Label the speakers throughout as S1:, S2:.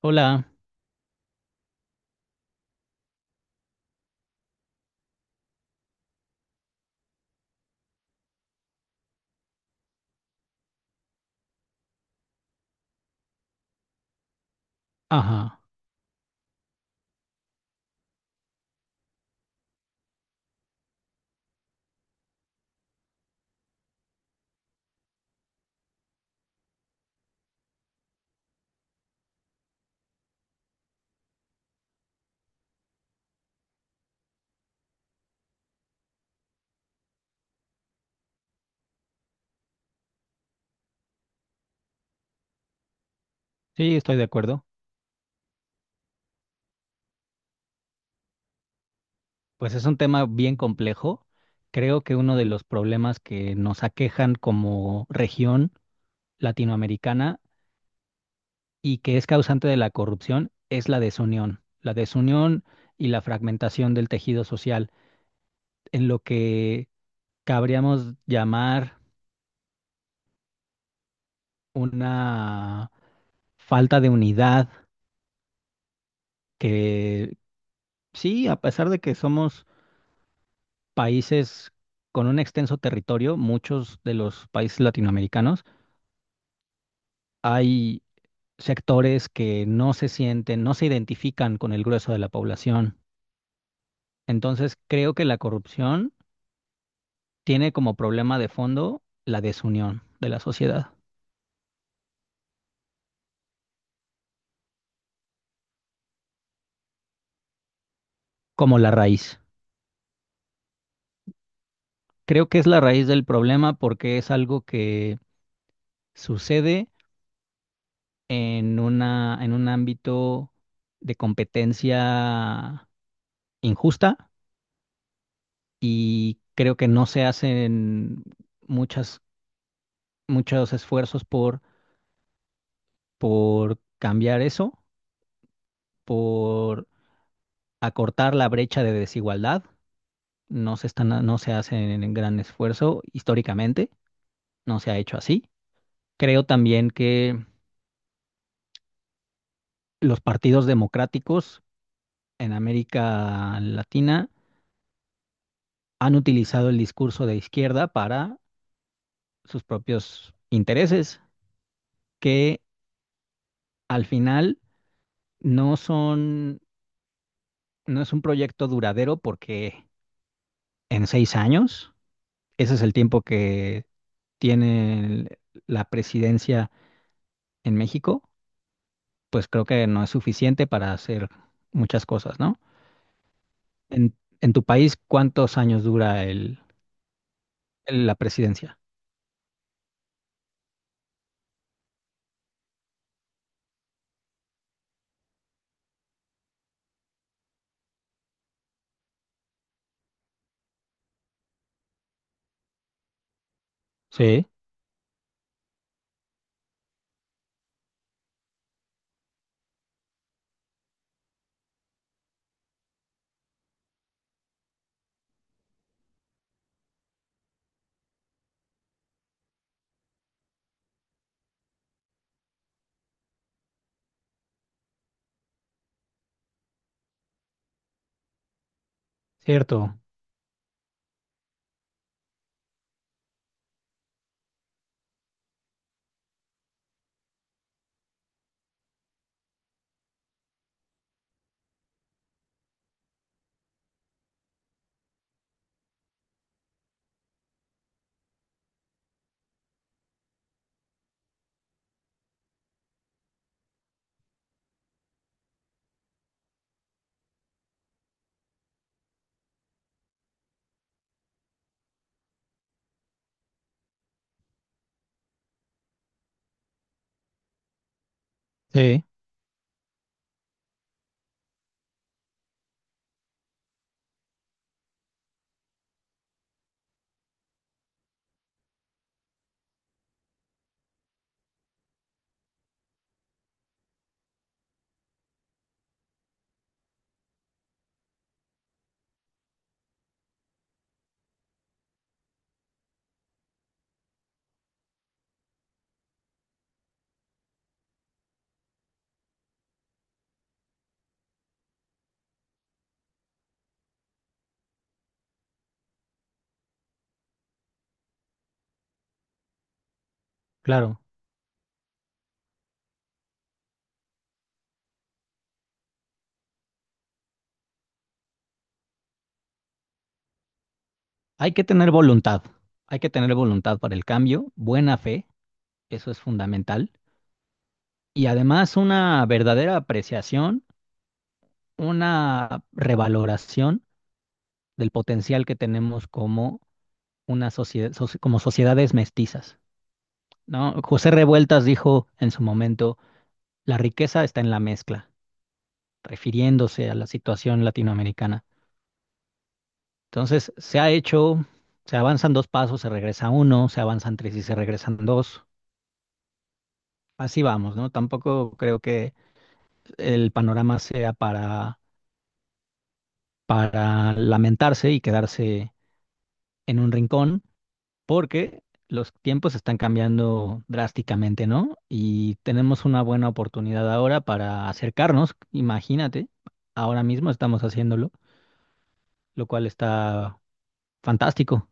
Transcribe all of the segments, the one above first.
S1: Hola, ajá, sí, estoy de acuerdo. Pues es un tema bien complejo. Creo que uno de los problemas que nos aquejan como región latinoamericana y que es causante de la corrupción es la desunión y la fragmentación del tejido social, en lo que cabríamos llamar una falta de unidad que sí, a pesar de que somos países con un extenso territorio, muchos de los países latinoamericanos, hay sectores que no se sienten, no se identifican con el grueso de la población. Entonces, creo que la corrupción tiene como problema de fondo la desunión de la sociedad, como la raíz. Creo que es la raíz del problema porque es algo que sucede en un ámbito de competencia injusta y creo que no se hacen muchas, muchos esfuerzos por cambiar eso, por acortar la brecha de desigualdad. No se hacen en gran esfuerzo históricamente, no se ha hecho así. Creo también que los partidos democráticos en América Latina han utilizado el discurso de izquierda para sus propios intereses, que al final no son no es un proyecto duradero porque en seis años, ese es el tiempo que tiene la presidencia en México, pues creo que no es suficiente para hacer muchas cosas, ¿no? En tu país, ¿cuántos años dura la presidencia? Sí, cierto. Sí, claro. Hay que tener voluntad. Hay que tener voluntad para el cambio, buena fe, eso es fundamental. Y además una verdadera apreciación, una revaloración del potencial que tenemos como una sociedad, como sociedades mestizas, ¿no? José Revueltas dijo en su momento, la riqueza está en la mezcla, refiriéndose a la situación latinoamericana. Entonces, se ha hecho, se avanzan dos pasos, se regresa uno, se avanzan tres y se regresan dos. Así vamos, ¿no? Tampoco creo que el panorama sea para lamentarse y quedarse en un rincón porque los tiempos están cambiando drásticamente, ¿no? Y tenemos una buena oportunidad ahora para acercarnos, imagínate, ahora mismo estamos haciéndolo, lo cual está fantástico.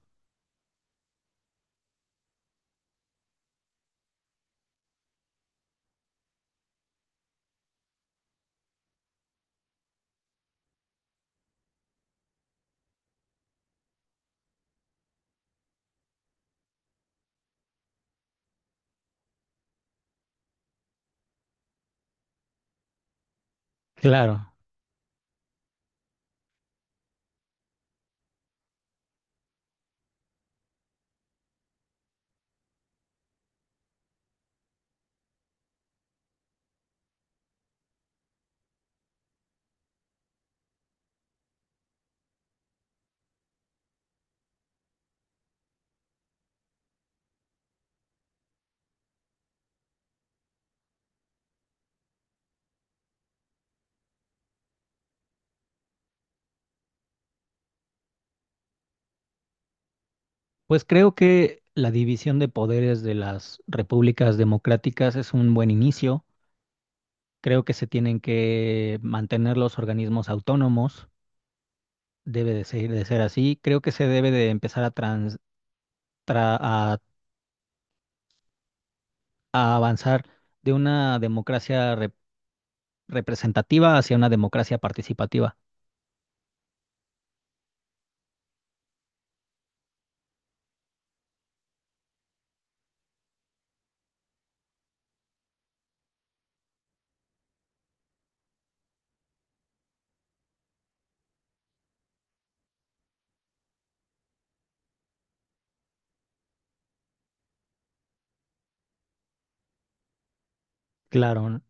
S1: Claro, pues creo que la división de poderes de las repúblicas democráticas es un buen inicio. Creo que se tienen que mantener los organismos autónomos, de ser así. Creo que se debe de empezar a, trans- tra- a avanzar de una democracia representativa hacia una democracia participativa. Claro, ¿no?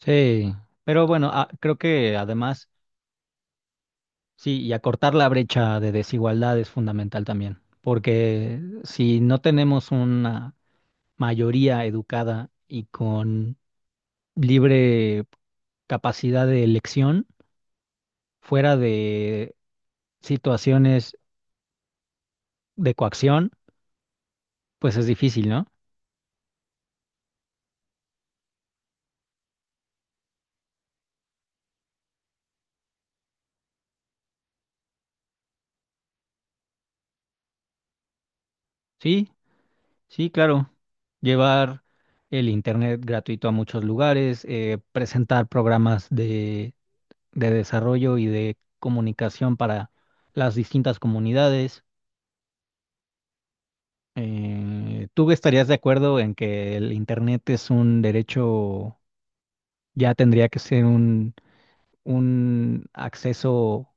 S1: Sí, pero bueno, creo que además, sí, y acortar la brecha de desigualdad es fundamental también, porque si no tenemos una mayoría educada y con libre capacidad de elección fuera de situaciones de coacción, pues es difícil, ¿no? Sí, sí, claro. Llevar el internet gratuito a muchos lugares, presentar programas de desarrollo y de comunicación para las distintas comunidades. ¿Tú estarías de acuerdo en que el internet es un derecho, ya tendría que ser un acceso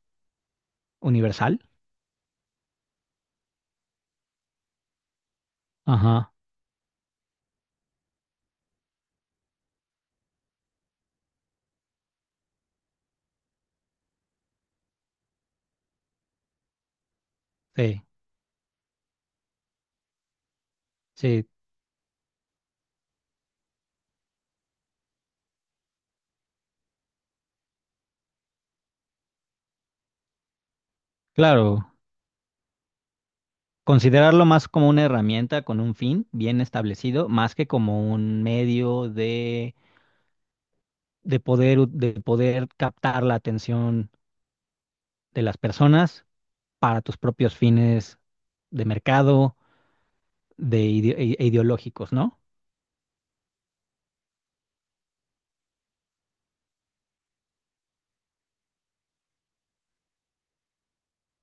S1: universal? Ajá, sí, sí, claro. Considerarlo más como una herramienta con un fin bien establecido, más que como un medio de poder, de poder captar la atención de las personas para tus propios fines de mercado de ideológicos, ¿no?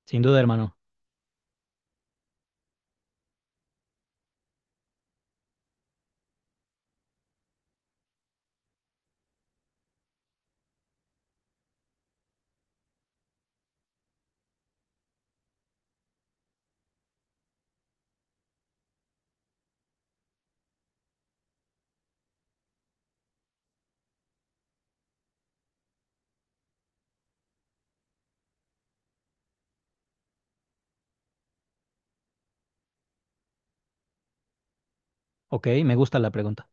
S1: Sin duda, hermano. Ok, me gusta la pregunta.